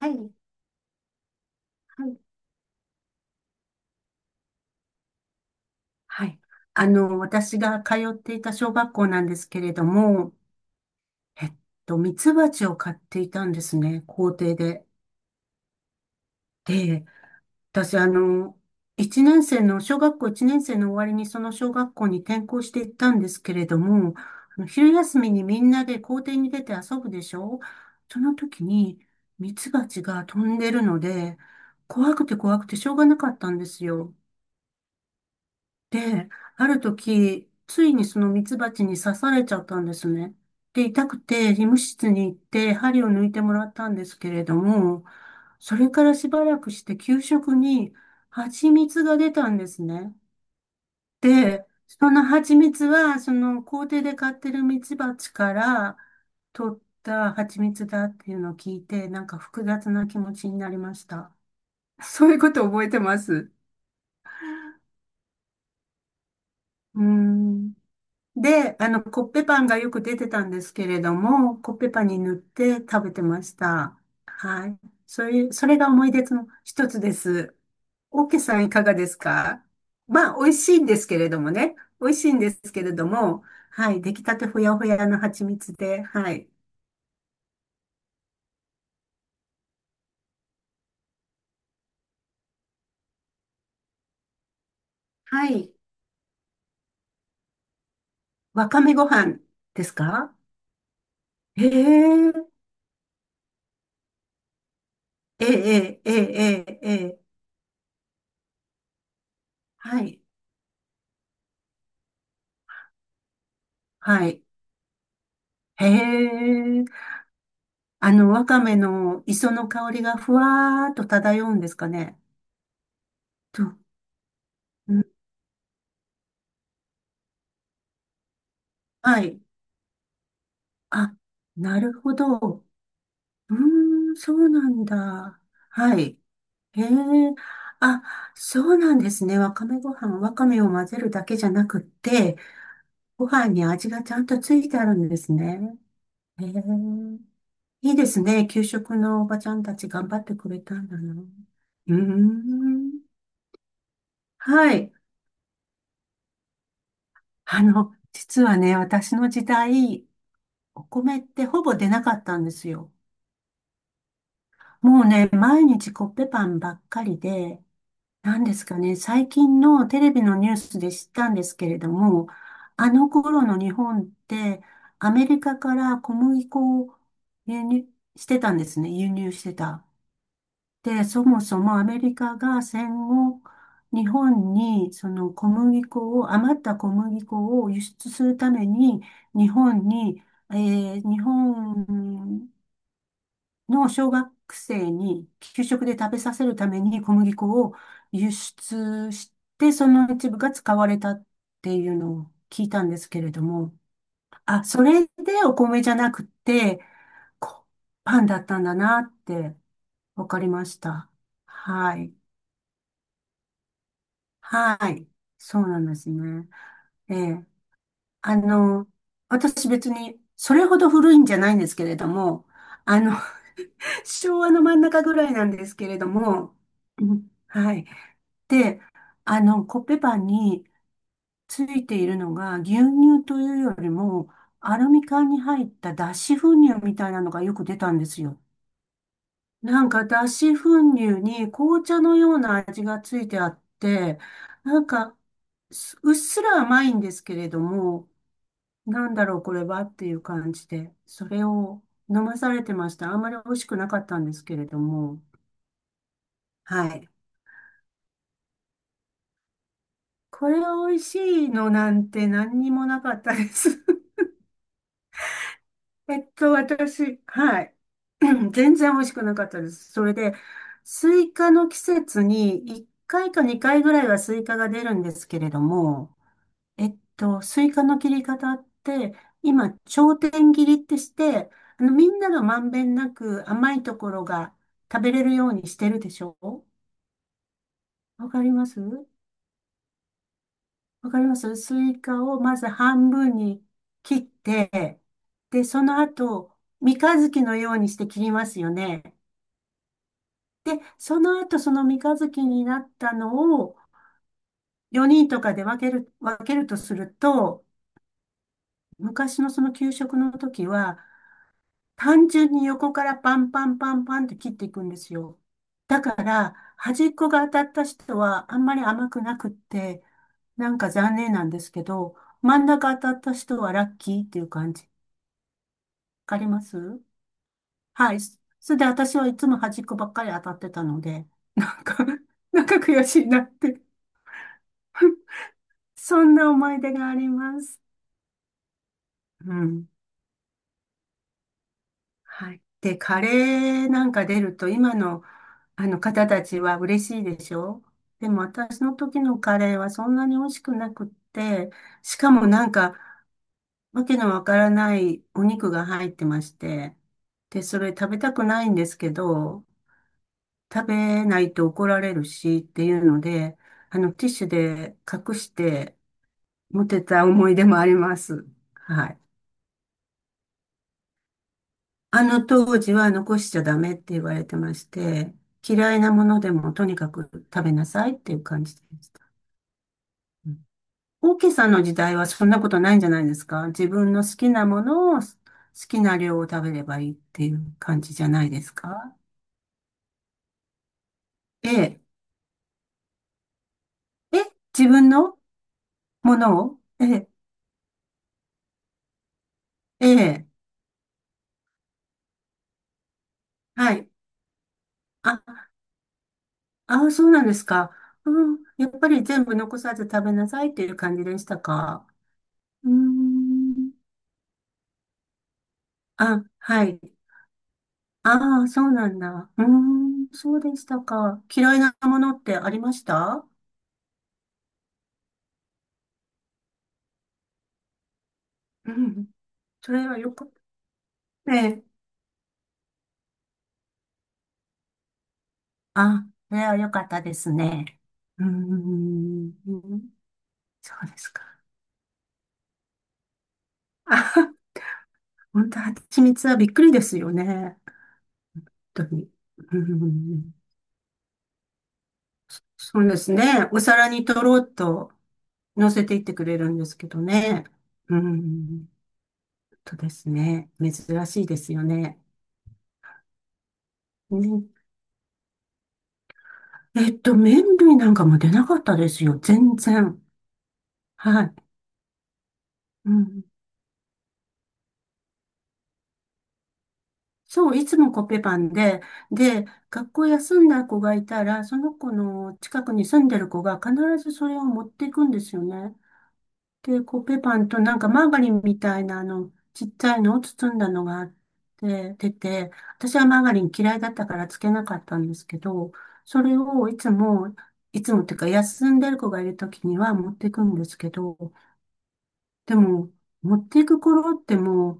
はい。はいはい。私が通っていた小学校なんですけれども、えっミツバチを飼っていたんですね、校庭で。で、私、一年生の、小学校1年生の終わりにその小学校に転校していったんですけれども、昼休みにみんなで校庭に出て遊ぶでしょ。その時にミツバチが飛んでるので、怖くて怖くてしょうがなかったんですよ。で、ある時、ついにそのミツバチに刺されちゃったんですね。で、痛くて、医務室に行って、針を抜いてもらったんですけれども、それからしばらくして、給食に蜂蜜が出たんですね。で、その蜂蜜は、その校庭で飼ってるミツバチから取った蜂蜜だっていうのを聞いて、なんか複雑な気持ちになりました。そういうこと覚えてます。うーん。で、コッペパンがよく出てたんですけれども、コッペパンに塗って食べてました。はい。そういう、それが思い出の一つです。オーケーさん、いかがですか？まあ、美味しいんですけれどもね。美味しいんですけれども、はい。出来たてほやほやの蜂蜜で、はい。はい。わかめご飯ですか？へえ、ええ、ええ、ええ、ええ、はい。はい。へえ。わかめの磯の香りがふわーっと漂うんですかね。と、うんはい。あ、なるほど。うーん、そうなんだ。はい。へえ。あ、そうなんですね。わかめご飯、わかめを混ぜるだけじゃなくって、ご飯に味がちゃんとついてあるんですね。へえ。いいですね。給食のおばちゃんたち頑張ってくれたんだな。うーん。はい。実はね、私の時代、お米ってほぼ出なかったんですよ。もうね、毎日コッペパンばっかりで、なんですかね、最近のテレビのニュースで知ったんですけれども、あの頃の日本って、アメリカから小麦粉を輸入してたんですね、輸入してた。で、そもそもアメリカが戦後、日本にその小麦粉を、余った小麦粉を輸出するために、日本にえ日本の小学生に給食で食べさせるために小麦粉を輸出して、その一部が使われたっていうのを聞いたんですけれども、あ、それでお米じゃなくて、こパンだったんだなってわかりました。はい。はい。そうなんですね。ええ。あの、私別にそれほど古いんじゃないんですけれども、あの、昭和の真ん中ぐらいなんですけれども、うんはい。で、コッペパンについているのが、牛乳というよりも、アルミ缶に入った脱脂粉乳みたいなのがよく出たんですよ。なんか脱脂粉乳に紅茶のような味がついてあって、なんか、すうっすら甘いんですけれども、なんだろうこれはっていう感じで、それを飲まされてました。あんまり美味しくなかったんですけれども、はい。これ美味しいのなんて何にもなかったです。私、はい。全然美味しくなかったです。それで、スイカの季節に1回か2回ぐらいはスイカが出るんですけれども、スイカの切り方って、今、頂点切りってして、みんながまんべんなく甘いところが食べれるようにしてるでしょ？わかります？わかります？スイカをまず半分に切って、で、その後、三日月のようにして切りますよね。で、その後、その三日月になったのを4人とかで分ける、とすると、昔のその給食の時は、単純に横からパンパンパンパンって切っていくんですよ。だから、端っこが当たった人はあんまり甘くなくって、なんか残念なんですけど、真ん中当たった人はラッキーっていう感じ。わかります？はい。そそれで私はいつも端っこばっかり当たってたので、なんか なんか悔しいなって。 そんな思い出があります。うん。はい。で、カレーなんか出ると、今の、あの方たちは嬉しいでしょ？でも私の時のカレーはそんなに美味しくなくって、しかもなんか、わけのわからないお肉が入ってまして、で、それ食べたくないんですけど、食べないと怒られるしっていうので、ティッシュで隠して持ってた思い出もあります。はい。あの当時は残しちゃダメって言われてまして、嫌いなものでもとにかく食べなさいっていう感じでした。うん。オーケーさんの時代はそんなことないんじゃないですか？自分の好きなものを好きな量を食べればいいっていう感じじゃないですか？ええ。え、自分のものをええ、ええ、はい。あ、あ、そうなんですか。うん、やっぱり全部残さず食べなさいっていう感じでしたか？うーん。あ、はい。ああ、そうなんだ。うーん、そうでしたか。嫌いなものってありました？うん。それはよかった。ええ。あ、それはよかったですね。うーん、そうですか。あ、本当、蜂蜜はびっくりですよね。本当に。うん、そうですね。お皿にとろうと乗せていってくれるんですけどね。うん、本当ですね。珍しいですよね。ねえっと、麺類なんかも出なかったですよ。全然。はい。うん。そう、いつもコッペパンで、で、学校休んだ子がいたら、その子の近くに住んでる子が必ずそれを持っていくんですよね。で、コッペパンとなんかマーガリンみたいなちっちゃいのを包んだのがあって、出て、私はマーガリン嫌いだったからつけなかったんですけど、それをいつも、いつもっていうか休んでる子がいるときには持っていくんですけど、でも、持っていく頃っても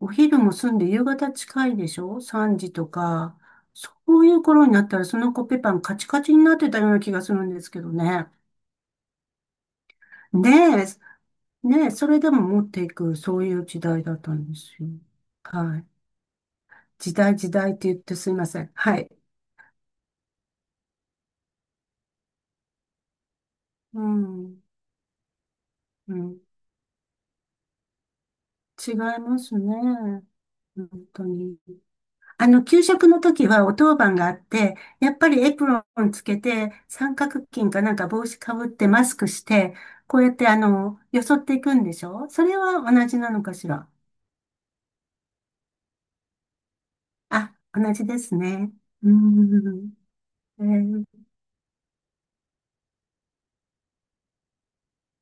う、お昼も済んで夕方近いでしょ？ 3 時とか。そういう頃になったら、そのコッペパンカチカチになってたような気がするんですけどね。ね、え、ねえ、それでも持っていく、そういう時代だったんですよ。はい。時代時代って言ってすいません。はい。うん、うん。違いますね。本当に。給食の時はお当番があって、やっぱりエプロンつけて、三角巾かなんか帽子かぶってマスクして、こうやってよそっていくんでしょ？それは同じなのかしら。あ、同じですね。うん。えー。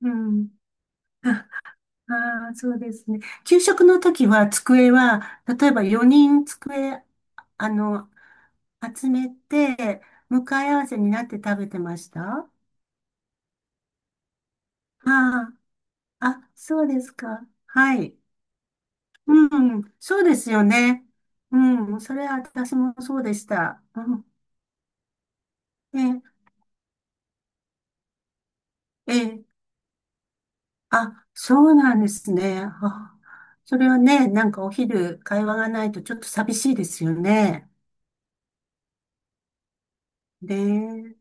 うん。ああ、そうですね。給食の時は机は、例えば4人机、あの、集めて、向かい合わせになって食べてましたあ。ああ、そうですか。はい。うん、そうですよね。うん、それは私もそうでした。うん、え、え、あ、そうなんですね。あ、それはね、なんかお昼会話がないとちょっと寂しいですよね。ねえ、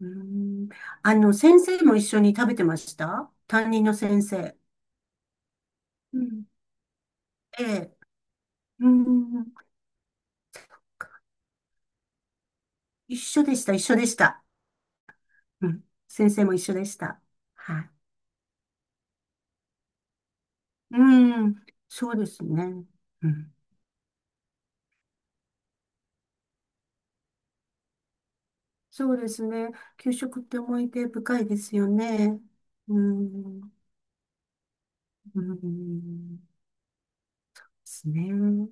うん、先生も一緒に食べてました、担任の先生。うん、ええ、うん、一緒でした、一緒でした。うん、先生も一緒でした。はい。うん、そうですね。うん。そうですね。給食って思い出深いですよね。うん、うん、ですね。